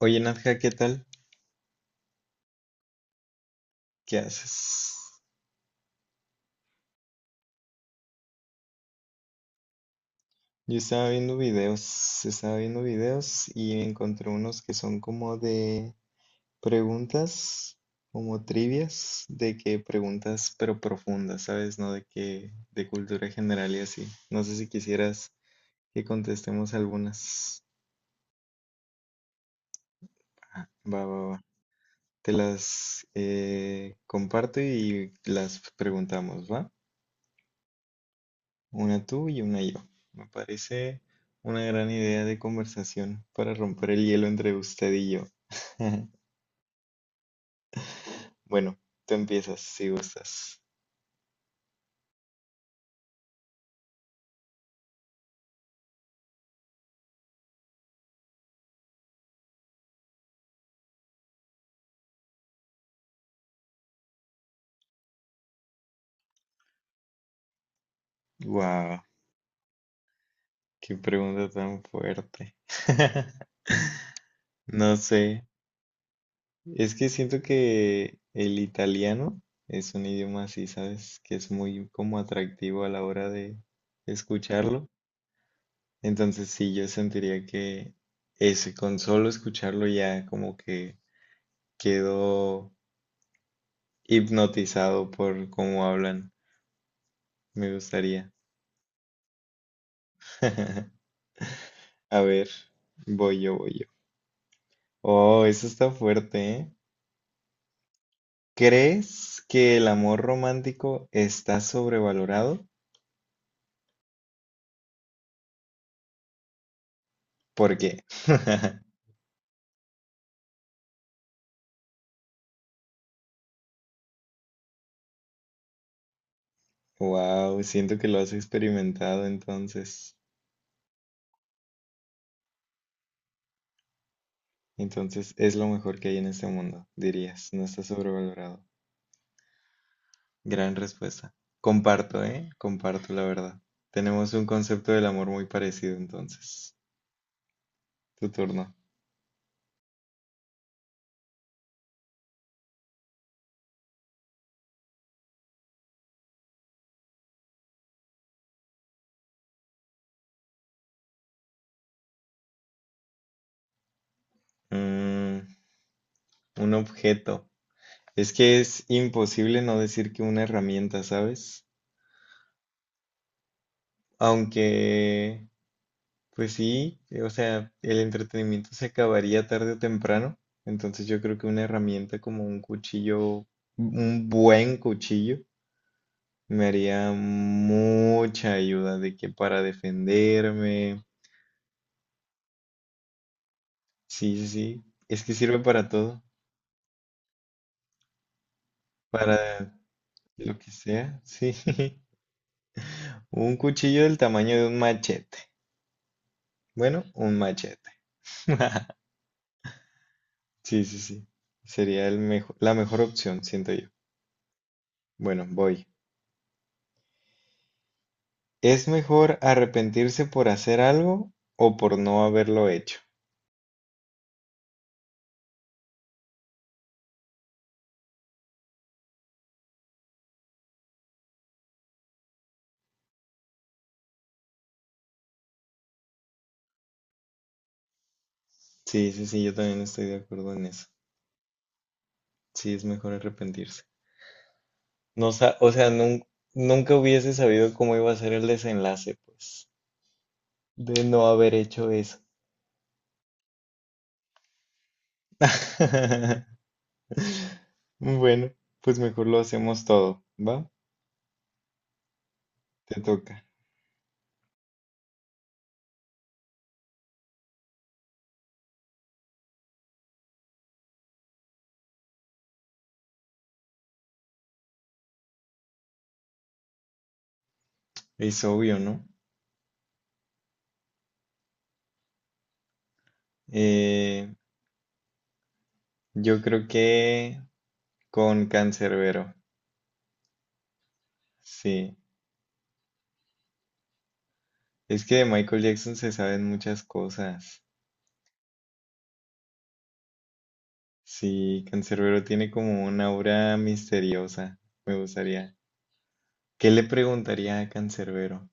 Oye, Nadja, ¿qué tal? ¿Qué haces? Yo estaba viendo videos y encontré unos que son como de preguntas, como trivias, de que preguntas pero profundas, ¿sabes? No de que de cultura general y así. No sé si quisieras que contestemos algunas. Ah, va, va, va. Te las comparto y las preguntamos, ¿va? Una tú y una yo. Me parece una gran idea de conversación para romper el hielo entre usted y yo. Bueno, tú empiezas si gustas. Guau, qué pregunta tan fuerte. No sé, es que siento que el italiano es un idioma así, ¿sabes? Que es muy como atractivo a la hora de escucharlo. Entonces sí, yo sentiría que ese, con solo escucharlo ya como que quedo hipnotizado por cómo hablan. Me gustaría. A ver, voy yo, voy yo. Oh, eso está fuerte, ¿eh? ¿Crees que el amor romántico está sobrevalorado? ¿Por qué? Wow, siento que lo has experimentado entonces. Entonces es lo mejor que hay en este mundo, dirías. No está sobrevalorado. Gran respuesta. Comparto, ¿eh? Comparto la verdad. Tenemos un concepto del amor muy parecido entonces. Tu turno. Mm, un objeto. Es que es imposible no decir que una herramienta, ¿sabes? Aunque, pues sí, o sea, el entretenimiento se acabaría tarde o temprano. Entonces yo creo que una herramienta como un cuchillo, un buen cuchillo, me haría mucha ayuda de que para defenderme. Sí, sí, sí. Es que sirve para todo, para lo que sea. Sí. Un cuchillo del tamaño de un machete. Bueno, un machete. Sí, sí, sí. Sería el la mejor opción, siento yo. Bueno, voy. ¿Es mejor arrepentirse por hacer algo o por no haberlo hecho? Sí, sí, sí, yo también estoy de acuerdo en eso. Sí, es mejor arrepentirse. No sa- O sea, nunca hubiese sabido cómo iba a ser el desenlace, pues, de no haber hecho eso. Bueno, pues mejor lo hacemos todo, ¿va? Te toca. Es obvio, ¿no? Eh, Yo creo que con Cancerbero, sí. Es que de Michael Jackson se saben muchas cosas. Sí, Cancerbero tiene como una aura misteriosa, me gustaría. ¿Qué le preguntaría a Cancerbero?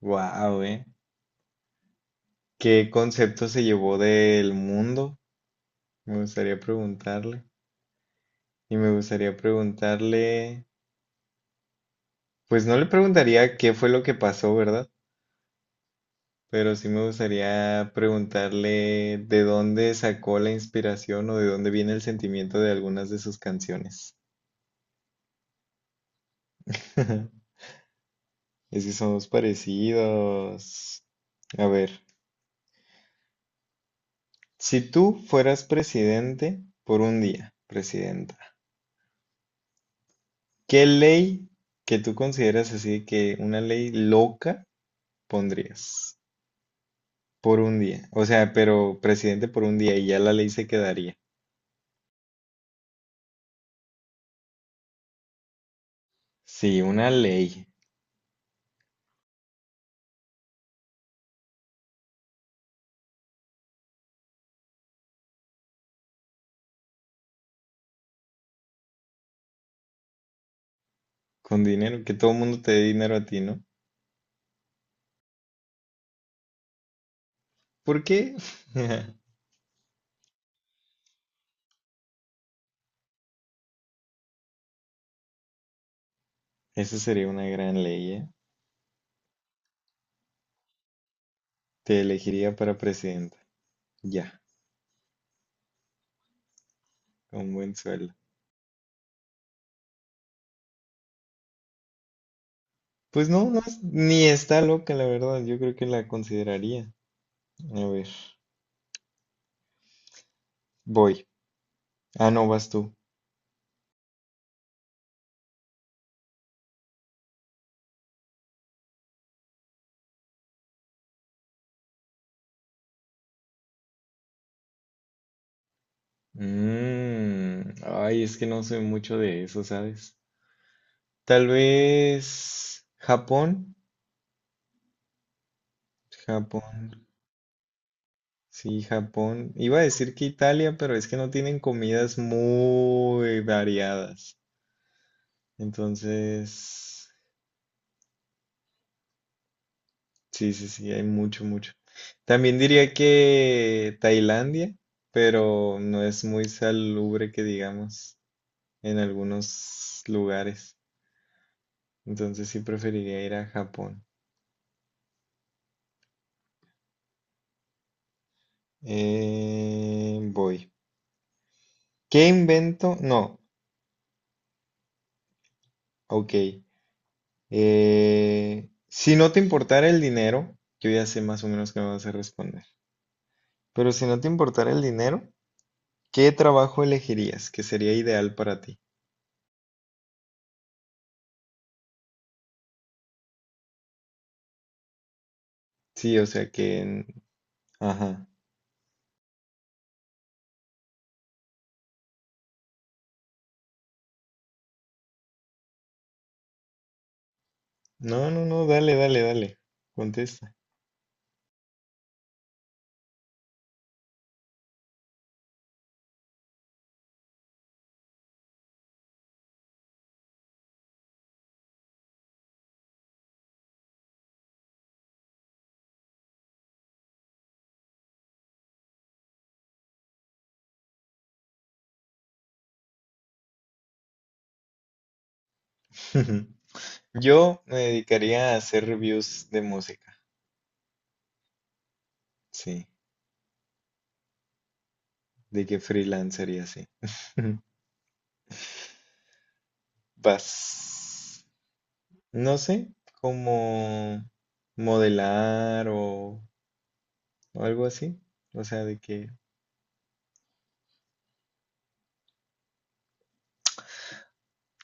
Wow, ¿eh? ¿Qué concepto se llevó del mundo? Me gustaría preguntarle. Y me gustaría preguntarle, pues no le preguntaría qué fue lo que pasó, ¿verdad? Pero sí me gustaría preguntarle de dónde sacó la inspiración o de dónde viene el sentimiento de algunas de sus canciones. Es que somos parecidos. A ver, si tú fueras presidente por un día, presidenta, ¿qué ley que tú consideras así que una ley loca pondrías por un día? O sea, pero presidente por un día y ya la ley se quedaría. Sí, una ley con dinero, que todo el mundo te dé dinero a ti, ¿no? ¿Por qué? Esa sería una gran ley, ¿eh? Te elegiría para presidenta. Ya, con buen sueldo. Pues no, no, es- ni está loca, la verdad. Yo creo que la consideraría. A ver, voy. Ah, no, vas tú. Mm, ay, es que no sé mucho de eso, ¿sabes? Tal vez Japón. Japón. Sí, Japón. Iba a decir que Italia, pero es que no tienen comidas muy variadas. Entonces… Sí, sí, sí, hay mucho, mucho. También diría que Tailandia, pero no es muy salubre que digamos en algunos lugares. Entonces sí preferiría ir a Japón. Voy. ¿Qué invento? No, ok. Si no te importara el dinero, yo ya sé más o menos qué me vas a responder. Pero si no te importara el dinero, ¿qué trabajo elegirías que sería ideal para ti? Sí, o sea que… Ajá. No, no, no, dale, dale, dale. Contesta. Yo me dedicaría a hacer reviews de música. Sí, de que freelancer y así. Vas. No sé, como modelar o algo así. O sea, de que.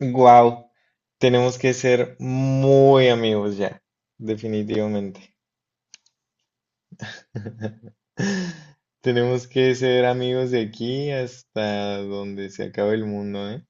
Wow, tenemos que ser muy amigos ya, definitivamente. Tenemos que ser amigos de aquí hasta donde se acabe el mundo, ¿eh?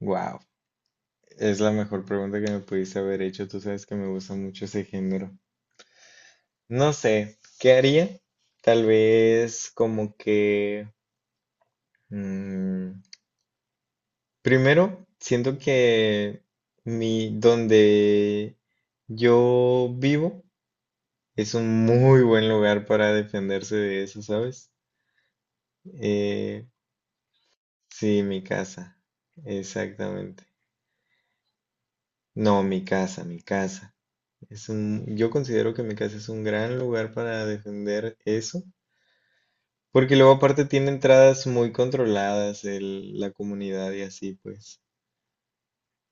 Wow, es la mejor pregunta que me pudiste haber hecho. Tú sabes que me gusta mucho ese género. No sé, ¿qué haría? Tal vez como que mm, primero siento que mi donde yo vivo es un muy buen lugar para defenderse de eso, ¿sabes? Eh, sí, mi casa, exactamente. No, mi casa, mi casa. Yo considero que mi casa es un gran lugar para defender eso, porque luego aparte tiene entradas muy controladas la comunidad y así pues.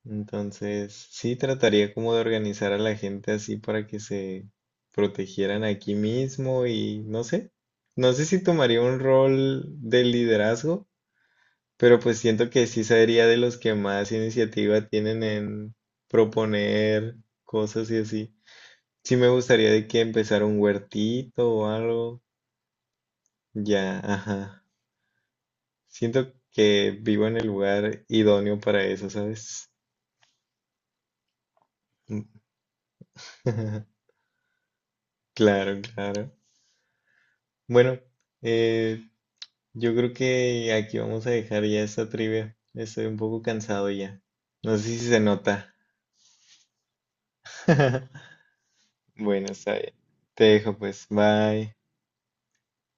Entonces, sí trataría como de organizar a la gente así para que se protegieran aquí mismo y no sé, no sé si tomaría un rol de liderazgo, pero pues siento que sí sería de los que más iniciativa tienen en proponer cosas y así. Sí me gustaría de que empezara un huertito o algo. Ya, ajá. Siento que vivo en el lugar idóneo para eso, ¿sabes? Claro, claro. Bueno, eh, yo creo que aquí vamos a dejar ya esta trivia. Estoy un poco cansado ya. No sé si se nota. Bueno, está bien. Te dejo pues. Bye.